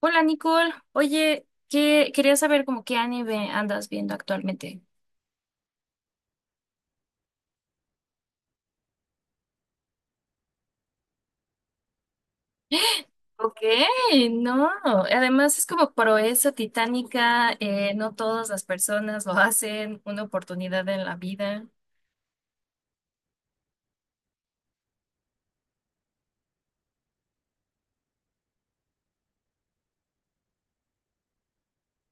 Hola Nicole, oye, que quería saber como qué anime andas viendo actualmente. Ok, no, además es como proeza titánica, no todas las personas lo hacen, una oportunidad en la vida.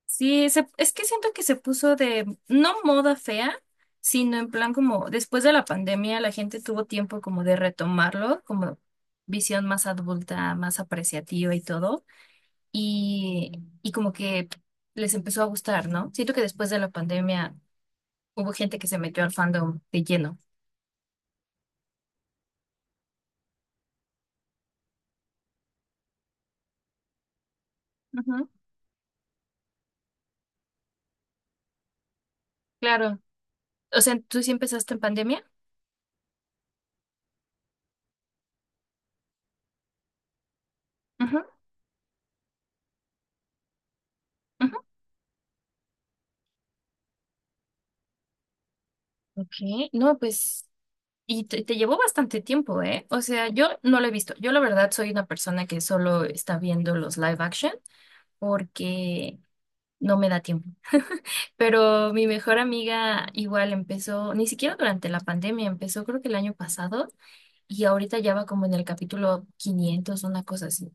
Sí, es que siento que se puso de, no moda fea, sino en plan como después de la pandemia la gente tuvo tiempo como de retomarlo, como visión más adulta, más apreciativa y todo. y, y como que les empezó a gustar, ¿no? Siento que después de la pandemia hubo gente que se metió al fandom de lleno. Ujú, claro. O sea, ¿tú sí empezaste en pandemia? Ujú, ujú. Ok, no, pues, y te llevó bastante tiempo, ¿eh? O sea, yo no lo he visto. Yo la verdad soy una persona que solo está viendo los live action porque no me da tiempo. Pero mi mejor amiga igual empezó, ni siquiera durante la pandemia, empezó creo que el año pasado. Y ahorita ya va como en el capítulo 500, una cosa así.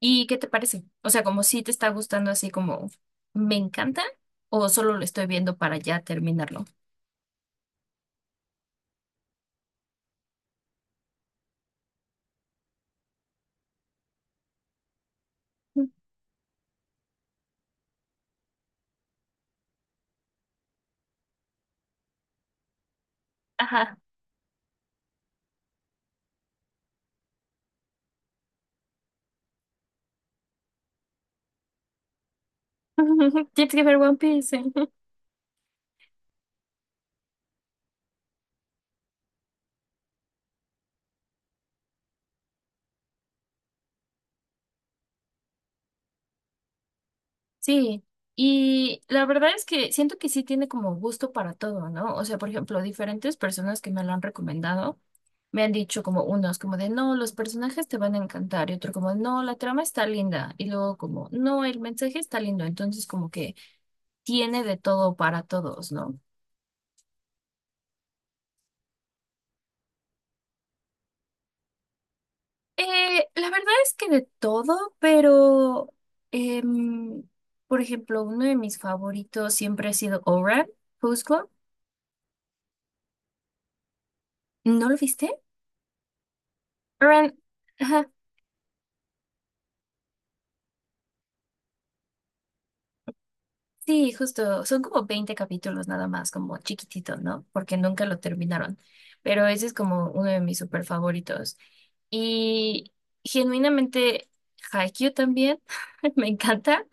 ¿Y qué te parece? O sea, como si te está gustando así como "me encanta" o "solo lo estoy viendo para ya terminarlo". Ajá. Tienes que ver One Piece. Sí, y la verdad es que siento que sí tiene como gusto para todo, ¿no? O sea, por ejemplo, diferentes personas que me lo han recomendado me han dicho, como unos como de no, los personajes te van a encantar, y otro como no, la trama está linda, y luego como no, el mensaje está lindo. Entonces como que tiene de todo para todos, ¿no? La verdad es que de todo, pero em, por ejemplo, uno de mis favoritos siempre ha sido Oran, Cusco. ¿No lo viste? Oran, ajá, sí, justo, son como 20 capítulos nada más, como chiquitito, ¿no? Porque nunca lo terminaron, pero ese es como uno de mis super favoritos. Y genuinamente Haikyuu también, me encanta.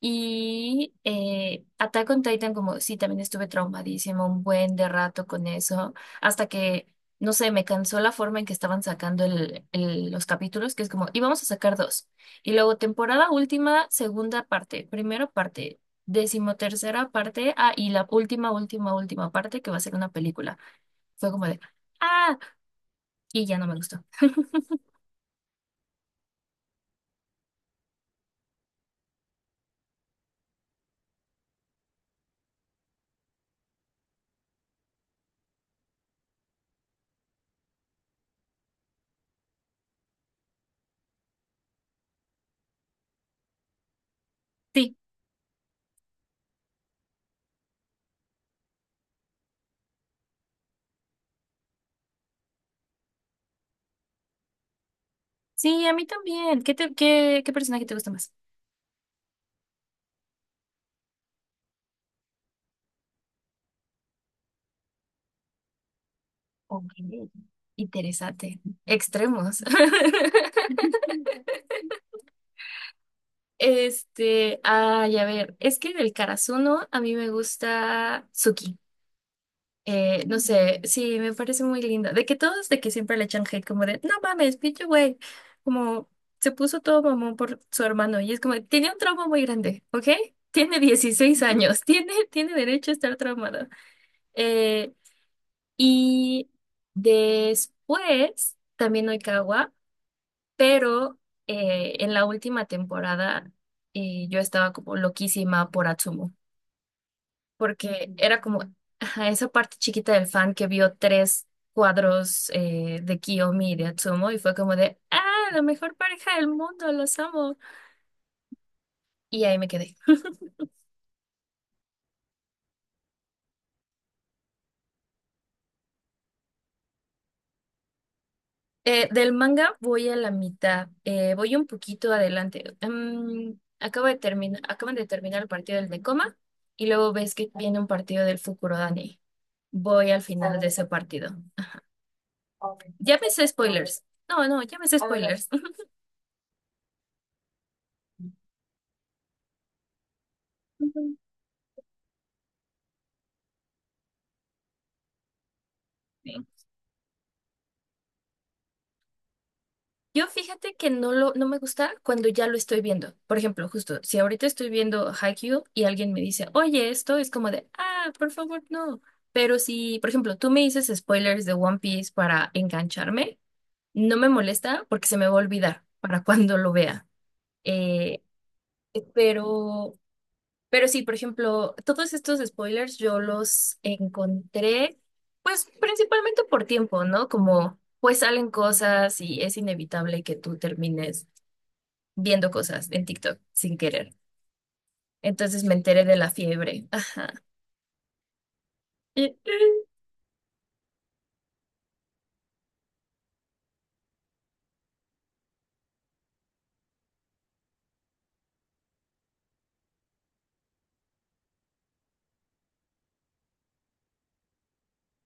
Y Attack on Titan, como sí, también estuve traumadísima un buen de rato con eso, hasta que, no sé, me cansó la forma en que estaban sacando los capítulos, que es como, íbamos a sacar dos. Y luego temporada última, segunda parte, primera parte, decimotercera parte, y la última, última, última parte, que va a ser una película. Fue como de, ah, y ya no me gustó. Sí, sí, a mí también. ¿Qué, qué personaje te gusta más? Ok, interesante. Extremos. Este, ay, a ver, es que del Karasuno a mí me gusta Suki. No sé, sí, me parece muy linda. De que todos, de que siempre le echan hate, como de, no mames, pinche güey. Como se puso todo mamón por su hermano y es como, tiene un trauma muy grande, ¿ok? Tiene 16 años, tiene, tiene derecho a estar traumado. Eh, y después, también Oikawa. Pero en la última temporada, yo estaba como loquísima por Atsumo, porque era como, ajá, esa parte chiquita del fan que vio tres cuadros, de Kiyomi y de Atsumo, y fue como de, la mejor pareja del mundo, los amo. Y ahí me quedé. Del manga voy a la mitad, voy un poquito adelante. Acabo de terminar, acaban de terminar el partido del Nekoma y luego ves que viene un partido del Fukurodani. Voy al final de ese partido. Ya me sé spoilers. No, no, ya me sé spoilers. Ujú. Sí. Yo fíjate que no lo, no me gusta cuando ya lo estoy viendo. Por ejemplo, justo, si ahorita estoy viendo Haikyuu y alguien me dice, oye, esto es como de, ah, por favor, no. Pero si, por ejemplo, tú me dices spoilers de One Piece para engancharme, no me molesta porque se me va a olvidar para cuando lo vea. Eh, pero Pero sí, por ejemplo, todos estos spoilers yo los encontré, pues principalmente por tiempo, ¿no? Como pues salen cosas y es inevitable que tú termines viendo cosas en TikTok sin querer. Entonces me enteré de la fiebre.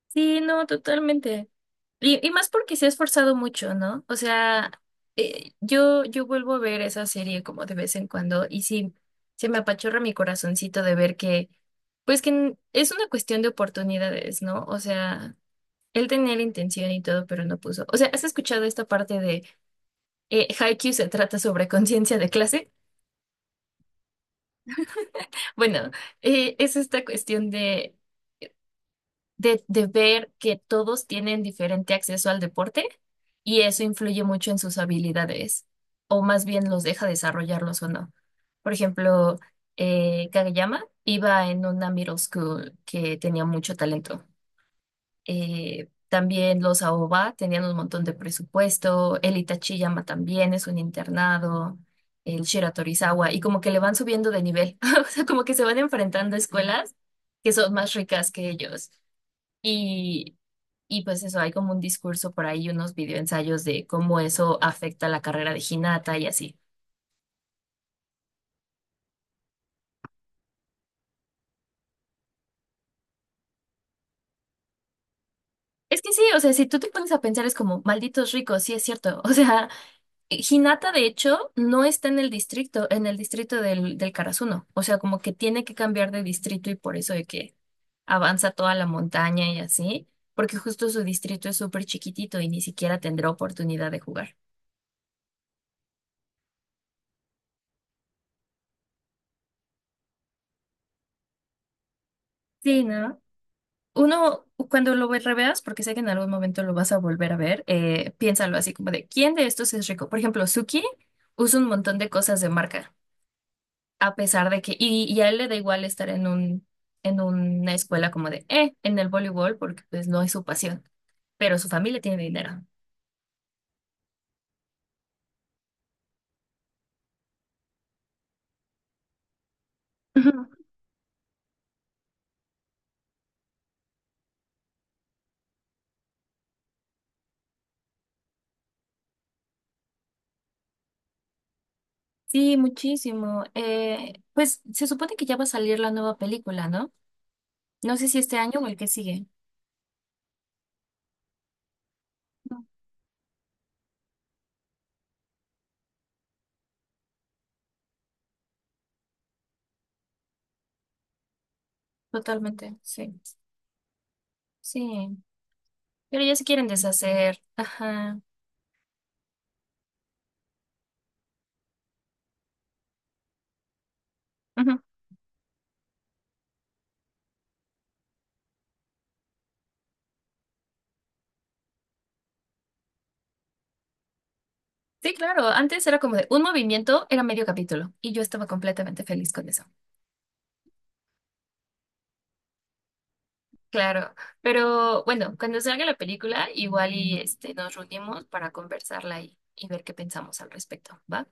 Sí, no, totalmente. Y más porque se ha esforzado mucho, ¿no? O sea, yo, yo vuelvo a ver esa serie como de vez en cuando y sí, se me apachorra mi corazoncito de ver que, pues que es una cuestión de oportunidades, ¿no? O sea, él tenía la intención y todo, pero no puso. O sea, ¿has escuchado esta parte de Haikyuu se trata sobre conciencia de clase? Bueno, es esta cuestión de ver que todos tienen diferente acceso al deporte, y eso influye mucho en sus habilidades, o más bien los deja desarrollarlos o no. Por ejemplo, Kageyama iba en una middle school que tenía mucho talento. También los Aoba tenían un montón de presupuesto, el Itachiyama también es un internado. El Shiratorizawa, y como que le van subiendo de nivel, o sea, como que se van enfrentando a escuelas que son más ricas que ellos. Y, y pues eso, hay como un discurso por ahí, unos videoensayos de cómo eso afecta la carrera de Hinata y así. Es que sí, o sea, si tú te pones a pensar es como, malditos ricos, sí es cierto. O sea, Hinata, de hecho, no está en el distrito del, del Karasuno. O sea, como que tiene que cambiar de distrito y por eso de que avanza toda la montaña y así, porque justo su distrito es súper chiquitito y ni siquiera tendrá oportunidad de jugar. Sí, ¿no? Uno, cuando lo reveas, porque sé que en algún momento lo vas a volver a ver, piénsalo así como de, ¿quién de estos es rico? Por ejemplo, Suki usa un montón de cosas de marca, a pesar de que, y a él le da igual estar en una escuela como de, en el voleibol, porque pues no es su pasión, pero su familia tiene dinero. Ujú. Sí, muchísimo. Pues se supone que ya va a salir la nueva película, ¿no? No sé si este año o el que sigue. No, totalmente, sí. Sí. Pero ya se quieren deshacer. Ajá. Ujú. Sí, claro. Antes era como de un movimiento, era medio capítulo. Y yo estaba completamente feliz con eso. Claro. Pero bueno, cuando salga la película, igual y este, nos reunimos para conversarla y ver qué pensamos al respecto. ¿Va?